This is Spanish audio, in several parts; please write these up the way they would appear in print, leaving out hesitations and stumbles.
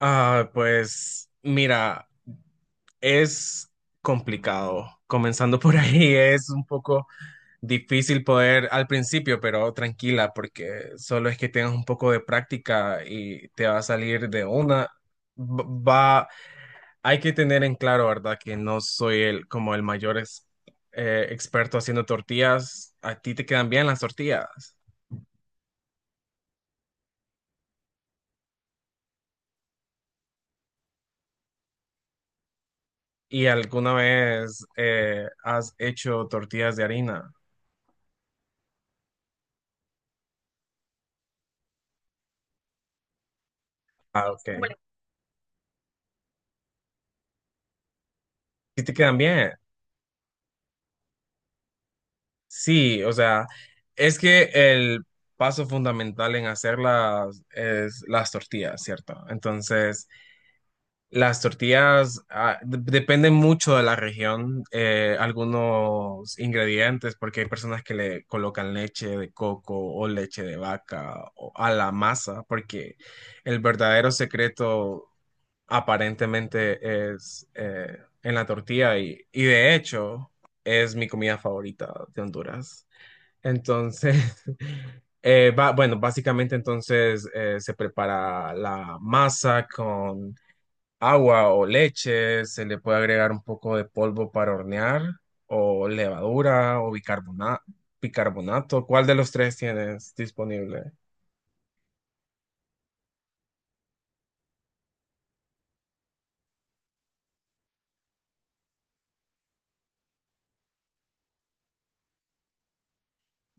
Ah, pues mira, es complicado. Comenzando por ahí es un poco difícil poder al principio, pero tranquila, porque solo es que tengas un poco de práctica y te va a salir de una. Va, hay que tener en claro, ¿verdad? Que no soy el como el mayor experto haciendo tortillas. A ti te quedan bien las tortillas. ¿Y alguna vez has hecho tortillas de harina? Ah, ok. Bueno, sí te quedan bien. Sí, o sea, es que el paso fundamental en hacerlas es las tortillas, ¿cierto? Entonces, las tortillas dependen mucho de la región, algunos ingredientes, porque hay personas que le colocan leche de coco o leche de vaca a la masa, porque el verdadero secreto aparentemente es en la tortilla y de hecho es mi comida favorita de Honduras. Entonces, bueno, básicamente entonces se prepara la masa con agua o leche, se le puede agregar un poco de polvo para hornear o levadura o bicarbonato. ¿Cuál de los tres tienes disponible?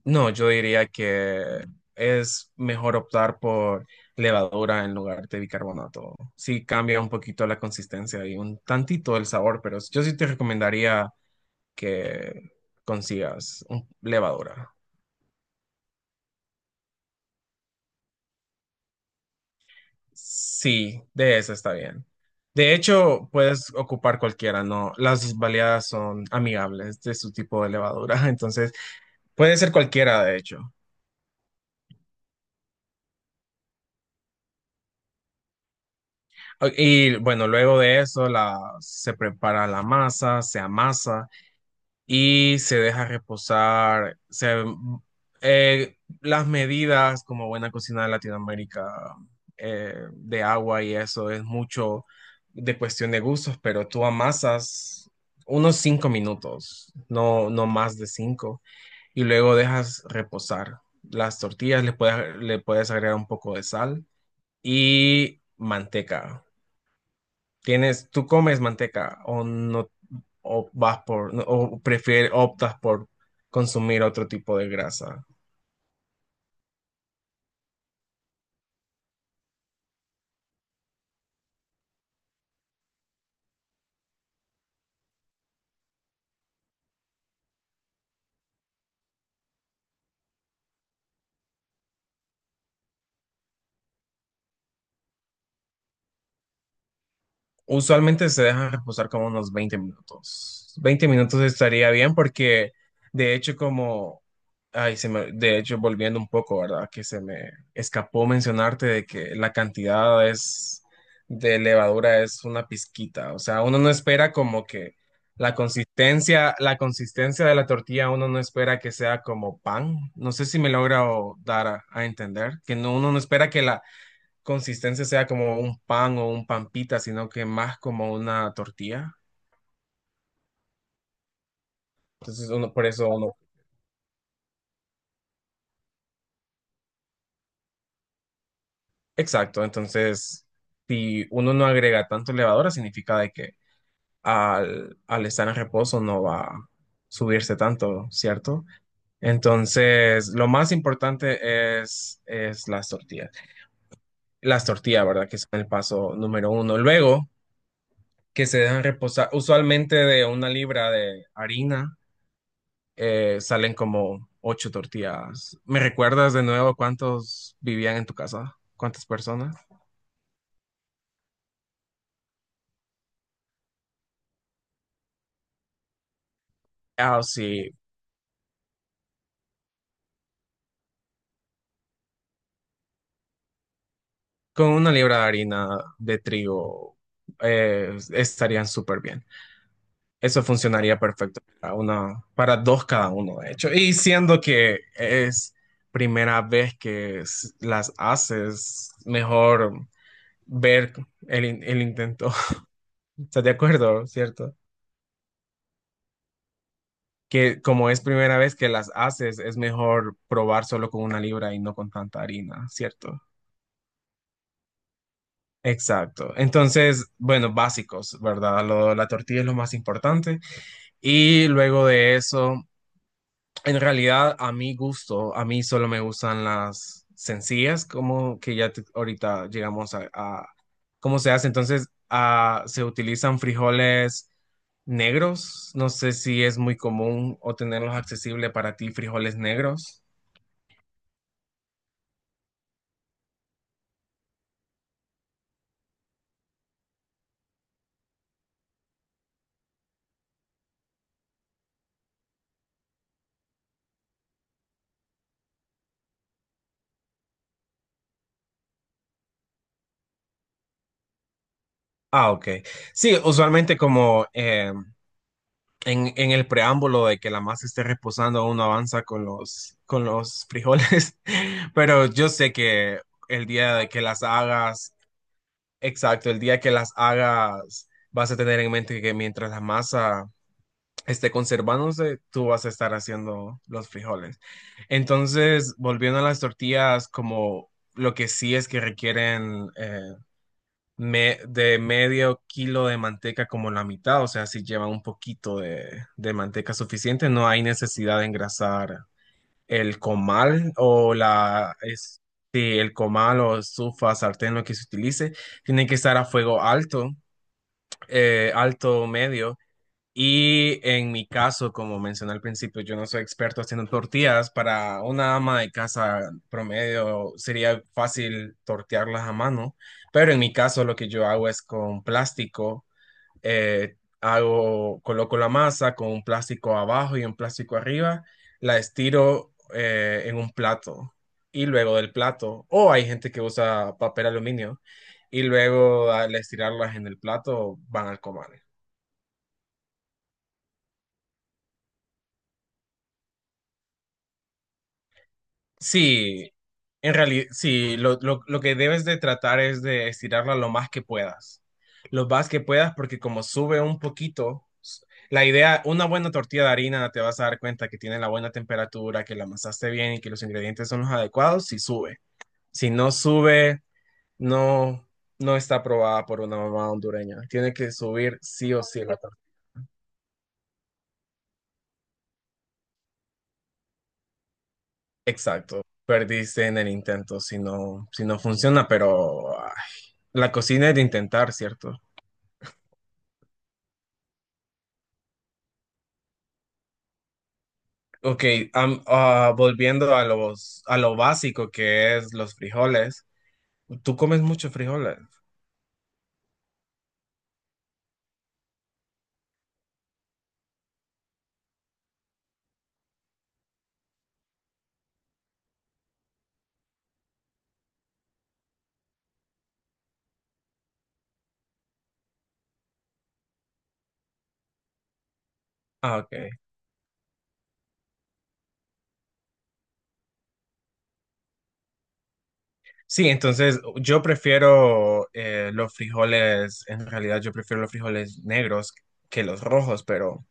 No, yo diría que es mejor optar por levadura en lugar de bicarbonato. Sí cambia un poquito la consistencia y un tantito el sabor, pero yo sí te recomendaría que consigas levadura. Sí, de esa está bien. De hecho, puedes ocupar cualquiera, ¿no? Las baleadas son amigables de su tipo de levadura, entonces puede ser cualquiera, de hecho. Y bueno, luego de eso se prepara la masa, se amasa, y se deja reposar. Las medidas, como buena cocina de Latinoamérica, de agua y eso, es mucho de cuestión de gustos, pero tú amasas unos 5 minutos, no, no más de 5, y luego dejas reposar. Las tortillas le puedes agregar un poco de sal y manteca. Tú comes manteca o no, o vas por, no, o prefieres, optas por consumir otro tipo de grasa. Usualmente se dejan reposar como unos 20 minutos. 20 minutos estaría bien porque de hecho como, de hecho volviendo un poco, ¿verdad? Que se me escapó mencionarte de que la cantidad es de levadura es una pizquita, o sea, uno no espera como que la consistencia de la tortilla, uno no espera que sea como pan. No sé si me logro dar a entender, que no, uno no espera que la consistencia sea como un pan o un pampita, sino que más como una tortilla. Entonces, uno, por eso uno. Exacto. Entonces, si uno no agrega tanto levadura, significa de que al estar en reposo no va a subirse tanto, ¿cierto? Entonces, lo más importante es las tortillas. Las tortillas, ¿verdad? Que son el paso número uno. Luego, que se dejan reposar usualmente de 1 libra de harina salen como 8 tortillas. ¿Me recuerdas de nuevo cuántos vivían en tu casa? ¿Cuántas personas? Ah, sí, con 1 libra de harina de trigo estarían súper bien. Eso funcionaría perfecto para una, para dos cada uno, de hecho. Y siendo que es primera vez que las haces, mejor ver el intento. ¿Estás de acuerdo, cierto? Que como es primera vez que las haces, es mejor probar solo con 1 libra y no con tanta harina, ¿cierto? Exacto. Entonces, bueno, básicos, ¿verdad? La tortilla es lo más importante. Y luego de eso, en realidad, a mi gusto, a mí solo me gustan las sencillas, como que ya ahorita llegamos a cómo se hace. Entonces, se utilizan frijoles negros. No sé si es muy común o tenerlos accesible para ti, frijoles negros. Ah, ok. Sí, usualmente como en el preámbulo de que la masa esté reposando, uno avanza con los frijoles, pero yo sé que el día de que las hagas, exacto, el día que las hagas, vas a tener en mente que mientras la masa esté conservándose, tú vas a estar haciendo los frijoles. Entonces, volviendo a las tortillas, como lo que sí es que requieren... de medio kilo de manteca como la mitad, o sea, si lleva un poquito de manteca suficiente, no hay necesidad de engrasar el comal o sí, el comal o estufa, sartén, lo que se utilice, tiene que estar a fuego alto, alto o medio, y en mi caso, como mencioné al principio, yo no soy experto haciendo tortillas. Para una ama de casa promedio sería fácil tortearlas a mano, pero en mi caso lo que yo hago es con plástico. eh, Coloco la masa con un plástico abajo y un plástico arriba, la estiro en un plato y luego del plato, o hay gente que usa papel aluminio y luego al estirarlas en el plato van al comal. Sí, en realidad, sí, lo que debes de tratar es de estirarla lo más que puedas. Lo más que puedas, porque como sube un poquito, la idea, una buena tortilla de harina, te vas a dar cuenta que tiene la buena temperatura, que la amasaste bien y que los ingredientes son los adecuados, si sube. Si no sube, no, no está aprobada por una mamá hondureña. Tiene que subir sí o sí la tortilla. Exacto. Perdiste en el intento si no, funciona, pero ay, la cocina es de intentar, ¿cierto? Ok, volviendo a los, a lo básico que es los frijoles. ¿Tú comes muchos frijoles? Ah, ok. Sí, entonces yo prefiero los frijoles, en realidad yo prefiero los frijoles negros que los rojos, pero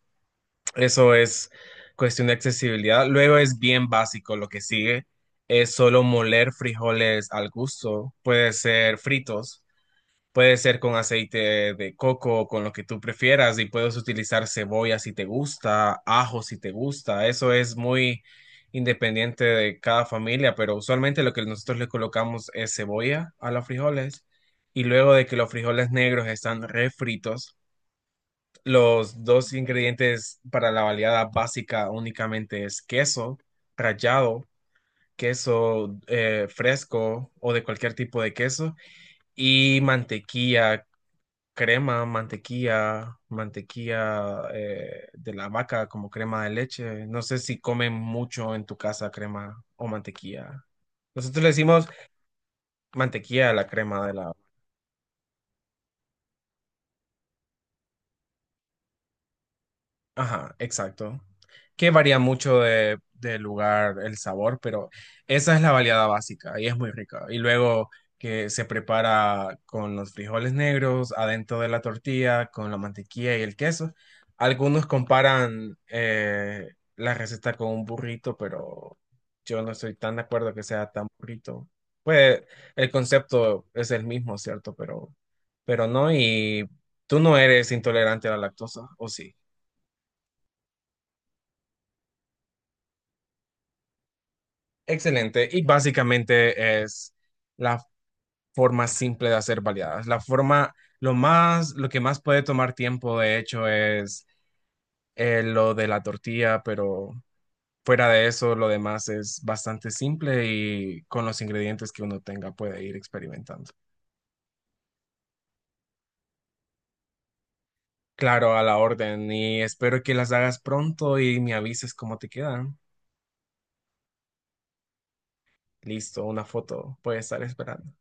eso es cuestión de accesibilidad. Luego es bien básico lo que sigue. Es solo moler frijoles al gusto. Puede ser fritos, puede ser con aceite de coco, o con lo que tú prefieras, y puedes utilizar cebolla si te gusta, ajo si te gusta. Eso es muy independiente de cada familia, pero usualmente lo que nosotros le colocamos es cebolla a los frijoles. Y luego de que los frijoles negros están refritos, los dos ingredientes para la baleada básica únicamente es queso rallado, queso fresco o de cualquier tipo de queso y mantequilla, crema, mantequilla de la vaca como crema de leche. No sé si comen mucho en tu casa crema o mantequilla. Nosotros le decimos mantequilla a la crema de la. Ajá, exacto. Que varía mucho de lugar el sabor, pero esa es la baleada básica y es muy rica. Y luego que se prepara con los frijoles negros adentro de la tortilla, con la mantequilla y el queso. Algunos comparan la receta con un burrito, pero yo no estoy tan de acuerdo que sea tan burrito. Pues el concepto es el mismo, ¿cierto? Pero no, y tú no eres intolerante a la lactosa, ¿o sí? Excelente. Y básicamente es la forma simple de hacer baleadas. La forma, lo más, lo que más puede tomar tiempo, de hecho, es lo de la tortilla, pero fuera de eso, lo demás es bastante simple y con los ingredientes que uno tenga puede ir experimentando. Claro, a la orden. Y espero que las hagas pronto y me avises cómo te quedan. Listo, una foto puede estar esperando.